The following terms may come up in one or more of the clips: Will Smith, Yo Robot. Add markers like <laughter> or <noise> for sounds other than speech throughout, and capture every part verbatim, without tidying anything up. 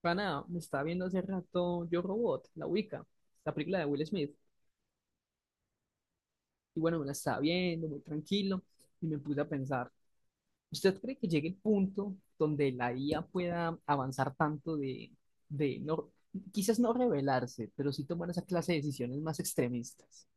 Para nada, me estaba viendo hace rato Yo, Robot, la Wicca, la película de Will Smith. Y bueno, me la estaba viendo muy tranquilo y me puse a pensar, ¿usted cree que llegue el punto donde la I A pueda avanzar tanto de, de no, quizás no rebelarse, pero sí tomar esa clase de decisiones más extremistas?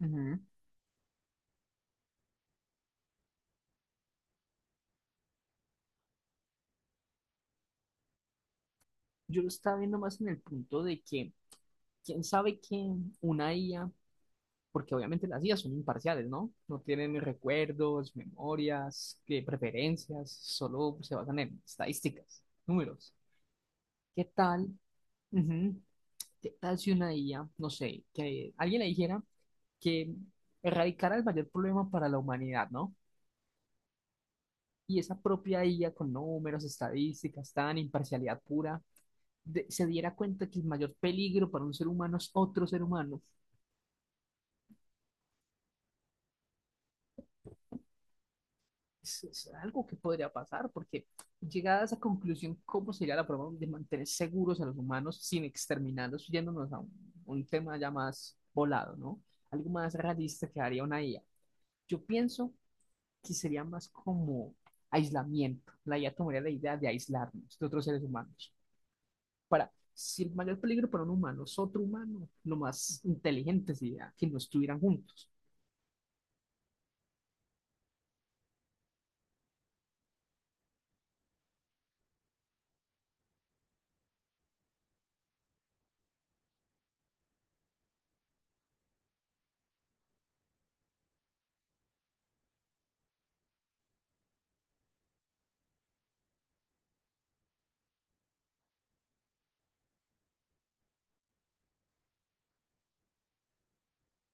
Ujú. Yo lo estaba viendo más en el punto de que, ¿quién sabe? Que una I A, porque obviamente las I As son imparciales, ¿no? No tienen recuerdos, memorias, eh, preferencias, solo se basan en estadísticas, números. ¿Qué tal? Ujú. ¿Qué tal si una I A, no sé, que alguien le dijera que erradicara el mayor problema para la humanidad, ¿no? Y esa propia I A, con números, estadísticas, tan imparcialidad pura, de- se diera cuenta que el mayor peligro para un ser humano es otro ser humano, es, es algo que podría pasar, porque, llegada a esa conclusión, ¿cómo sería la forma de mantener seguros a los humanos sin exterminarlos, yéndonos a un, un tema ya más volado, ¿no? Algo más realista que haría una I A. Yo pienso que sería más como aislamiento. La I A tomaría la idea de aislarnos de otros seres humanos. Para, si el mayor peligro para un humano es otro humano, lo más inteligente sería que no estuvieran juntos.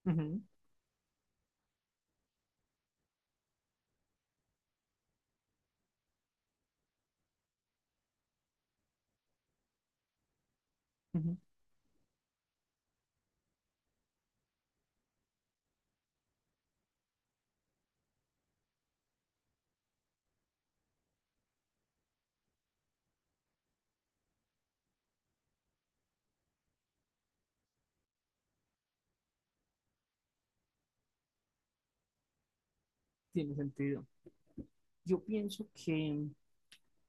Ujú, ujú. Tiene sentido. Yo pienso que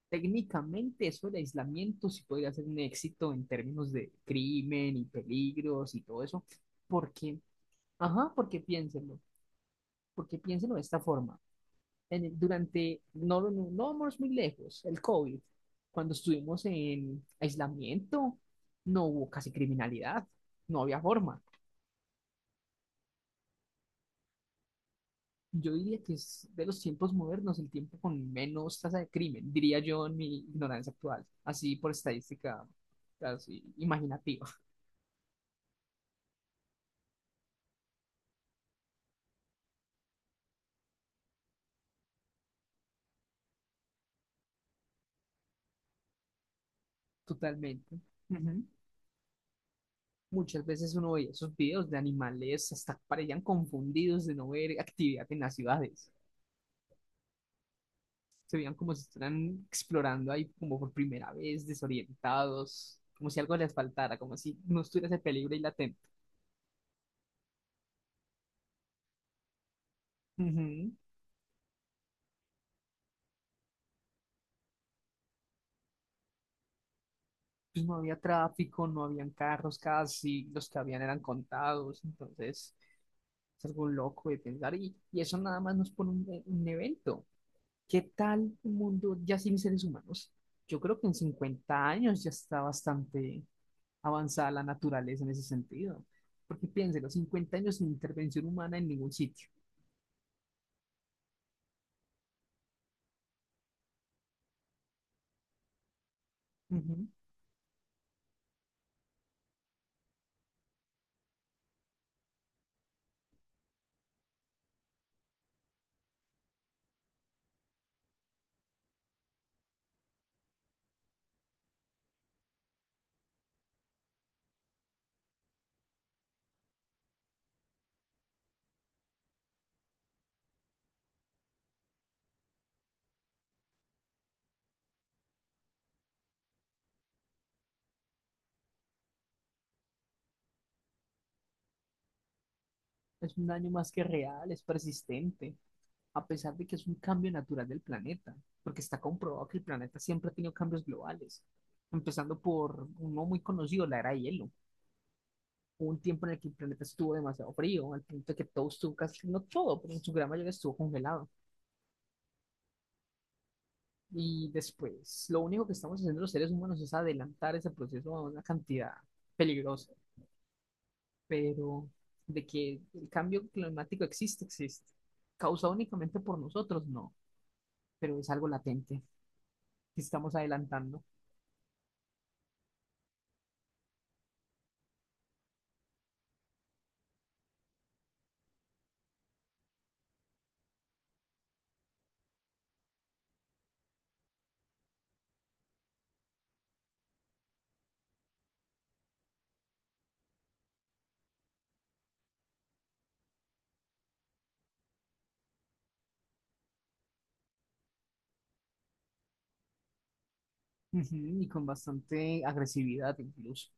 técnicamente eso del aislamiento sí podría ser un éxito en términos de crimen y peligros y todo eso, porque, ajá, porque piénsenlo, porque piénsenlo de esta forma. En el- durante, no, no, no no vamos muy lejos, el COVID, cuando estuvimos en aislamiento, no hubo casi criminalidad, no había forma. Yo diría que es de los tiempos modernos el tiempo con menos tasa de crimen, diría yo en mi ignorancia actual, así por estadística, así imaginativa. Totalmente. Ujú. Muchas veces uno veía esos videos de animales, hasta parecían confundidos de no ver actividad en las ciudades. Se veían como si estuvieran explorando ahí como por primera vez, desorientados, como si algo les faltara, como si no estuviera ese peligro ahí latente. Ujú. Pues no había tráfico, no habían carros casi, los que habían eran contados, entonces es algo loco de pensar, y, y eso nada más nos pone un, un evento. ¿Qué tal un mundo ya sin seres humanos? Yo creo que en cincuenta años ya está bastante avanzada la naturaleza en ese sentido. Porque piénselo, cincuenta años sin intervención humana en ningún sitio. Ujú. Es un daño más que real, es persistente, a pesar de que es un cambio natural del planeta, porque está comprobado que el planeta siempre ha tenido cambios globales, empezando por uno muy conocido, la era de hielo. Hubo un tiempo en el que el planeta estuvo demasiado frío, al punto de que todo estuvo casi, no todo, pero en su gran mayoría estuvo congelado. Y después, lo único que estamos haciendo los seres humanos es adelantar ese proceso a una cantidad peligrosa, pero de que el cambio climático existe, existe. Causado únicamente por nosotros, no, pero es algo latente que estamos adelantando. Ujú. Y con bastante agresividad incluso.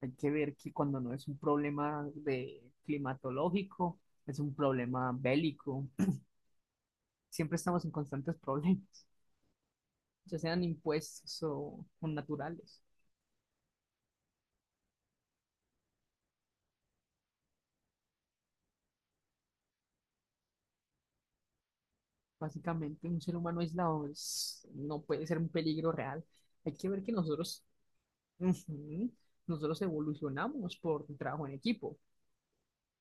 Hay que ver que cuando no es un problema de climatológico, es un problema bélico. Siempre estamos en constantes problemas, ya sean impuestos o o naturales. Básicamente, un ser humano aislado es- no puede ser un peligro real. Hay que ver que nosotros, ujú, nosotros evolucionamos por un trabajo en equipo.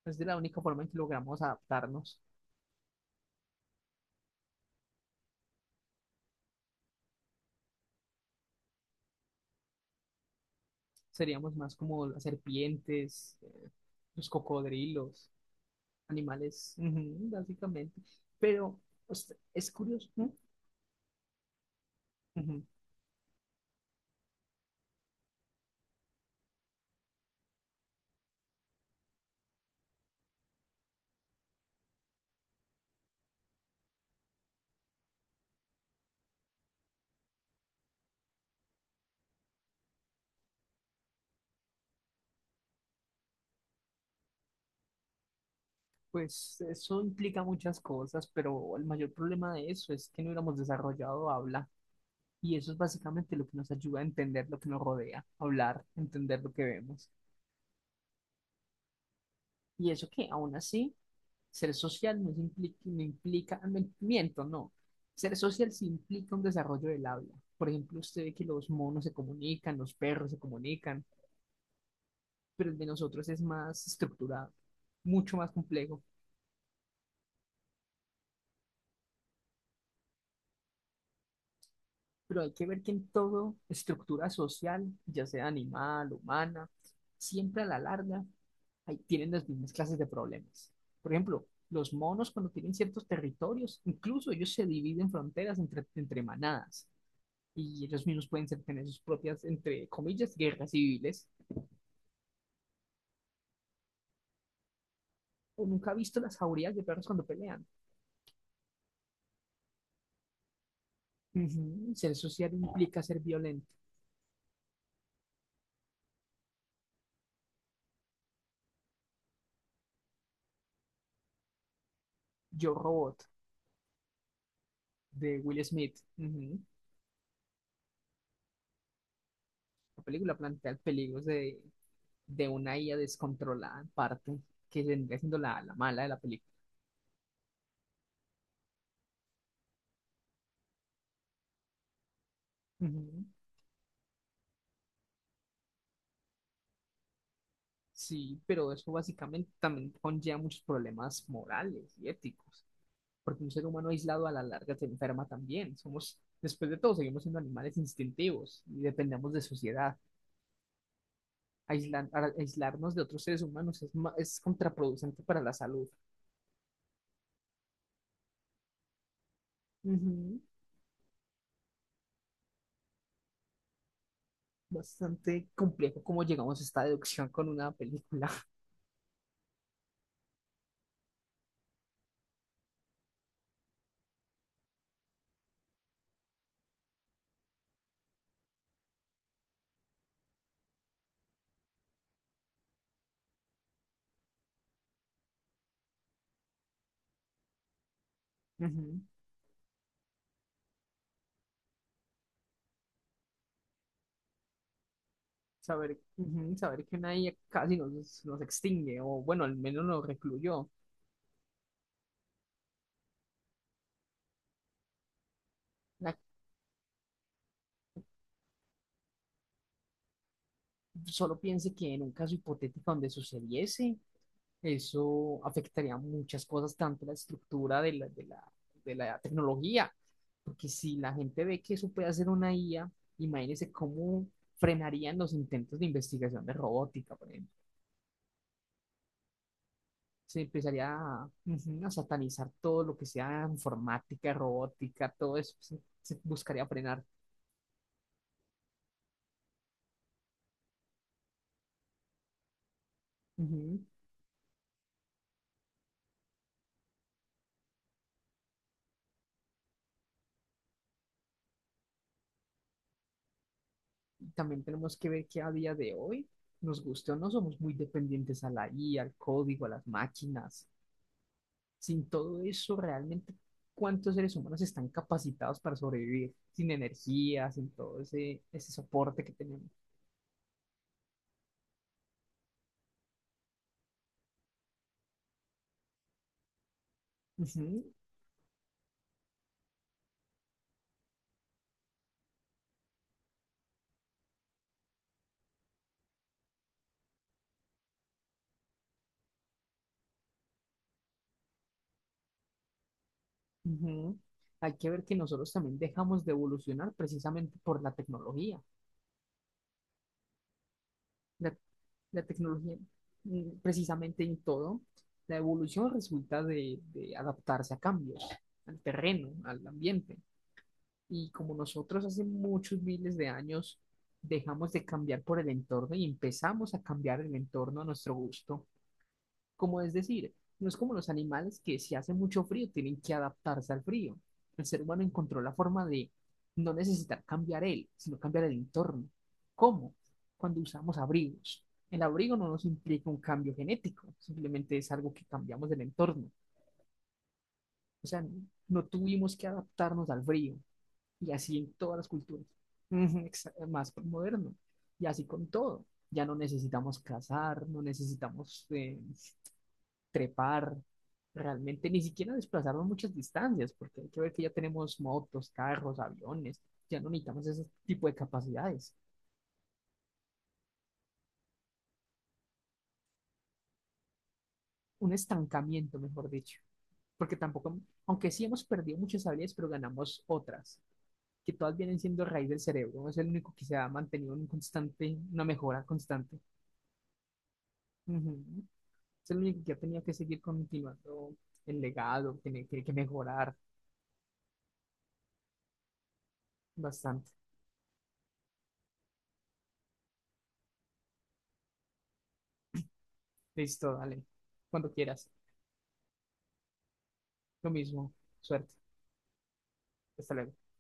Es de la única forma en que logramos adaptarnos. Seríamos más como las serpientes, eh, los cocodrilos, animales, ujú, básicamente. Pero pues, es curioso, ¿no? Ujú. Pues eso implica muchas cosas, pero el mayor problema de eso es que no hubiéramos desarrollado habla. Y eso es básicamente lo que nos ayuda a entender lo que nos rodea, hablar, entender lo que vemos. Y eso que aún así, ser social no, implica, no implica, me- miento, no. Ser social sí implica un desarrollo del habla. Por ejemplo, usted ve que los monos se comunican, los perros se comunican, pero el de nosotros es más estructurado, mucho más complejo. Pero hay que ver que en toda estructura social, ya sea animal, humana, siempre a la larga hay- tienen las mismas clases de problemas. Por ejemplo, los monos cuando tienen ciertos territorios, incluso ellos se dividen fronteras entre, entre manadas, y ellos mismos pueden ser- tener sus propias, entre comillas, guerras civiles. O nunca he visto las jaurías de perros cuando pelean. Ujú. Ser social implica ser violento. Yo, Robot, de Will Smith. Ujú. La película plantea peligros de, de una I A descontrolada en parte, que vendría siendo la, la mala de la película. Ujú. Sí, pero eso básicamente también conlleva muchos problemas morales y éticos, porque un ser humano aislado a la larga se enferma también. Somos, después de todo, seguimos siendo animales instintivos y dependemos de sociedad. Aislan- a- aislarnos de otros seres humanos es, ma- es contraproducente para la salud. Ujú. Bastante complejo cómo llegamos a esta deducción con una película. <laughs> Saber, ujú, saber que una I A casi nos, nos extingue, o bueno, al menos nos recluyó. La- solo piense que en un caso hipotético donde sucediese, eso afectaría muchas cosas, tanto la estructura de la, de la, de la tecnología, porque si la gente ve que eso puede hacer una I A, imagínese cómo frenarían los intentos de investigación de robótica, por ejemplo. Se empezaría a, ujú, a satanizar todo lo que sea informática, robótica, todo eso se, se buscaría frenar. Ujú. También tenemos que ver que a día de hoy, nos guste o no, somos muy dependientes a la I A, al código, a las máquinas. Sin todo eso, realmente, ¿cuántos seres humanos están capacitados para sobrevivir sin energía, sin todo ese, ese soporte que tenemos? Ujú, ujú. Hay que ver que nosotros también dejamos de evolucionar precisamente por la tecnología. La, la tecnología, mm, precisamente en todo, la evolución resulta de, de adaptarse a cambios, al terreno, al ambiente. Y como nosotros hace muchos miles de años dejamos de cambiar por el entorno y empezamos a cambiar el entorno a nuestro gusto, como es decir, no es como los animales que si hace mucho frío tienen que adaptarse al frío. El ser humano encontró la forma de no necesitar cambiar él, sino cambiar el entorno. ¿Cómo? Cuando usamos abrigos. El abrigo no nos implica un cambio genético, simplemente es algo que cambiamos del entorno. O sea, no tuvimos que adaptarnos al frío, y así en todas las culturas. <laughs> Más moderno. Y así con todo. Ya no necesitamos cazar, no necesitamos eh, trepar, realmente ni siquiera desplazarnos muchas distancias, porque hay que ver que ya tenemos motos, carros, aviones, ya no necesitamos ese tipo de capacidades. Un estancamiento, mejor dicho, porque tampoco, aunque sí hemos perdido muchas habilidades, pero ganamos otras, que todas vienen siendo raíz del cerebro, es el único que se ha mantenido en constante, una mejora constante. Ujú. Es el único que ha tenido que seguir continuando el legado, tiene, tiene que mejorar bastante. Listo, dale. Cuando quieras. Lo mismo. Suerte. Hasta luego.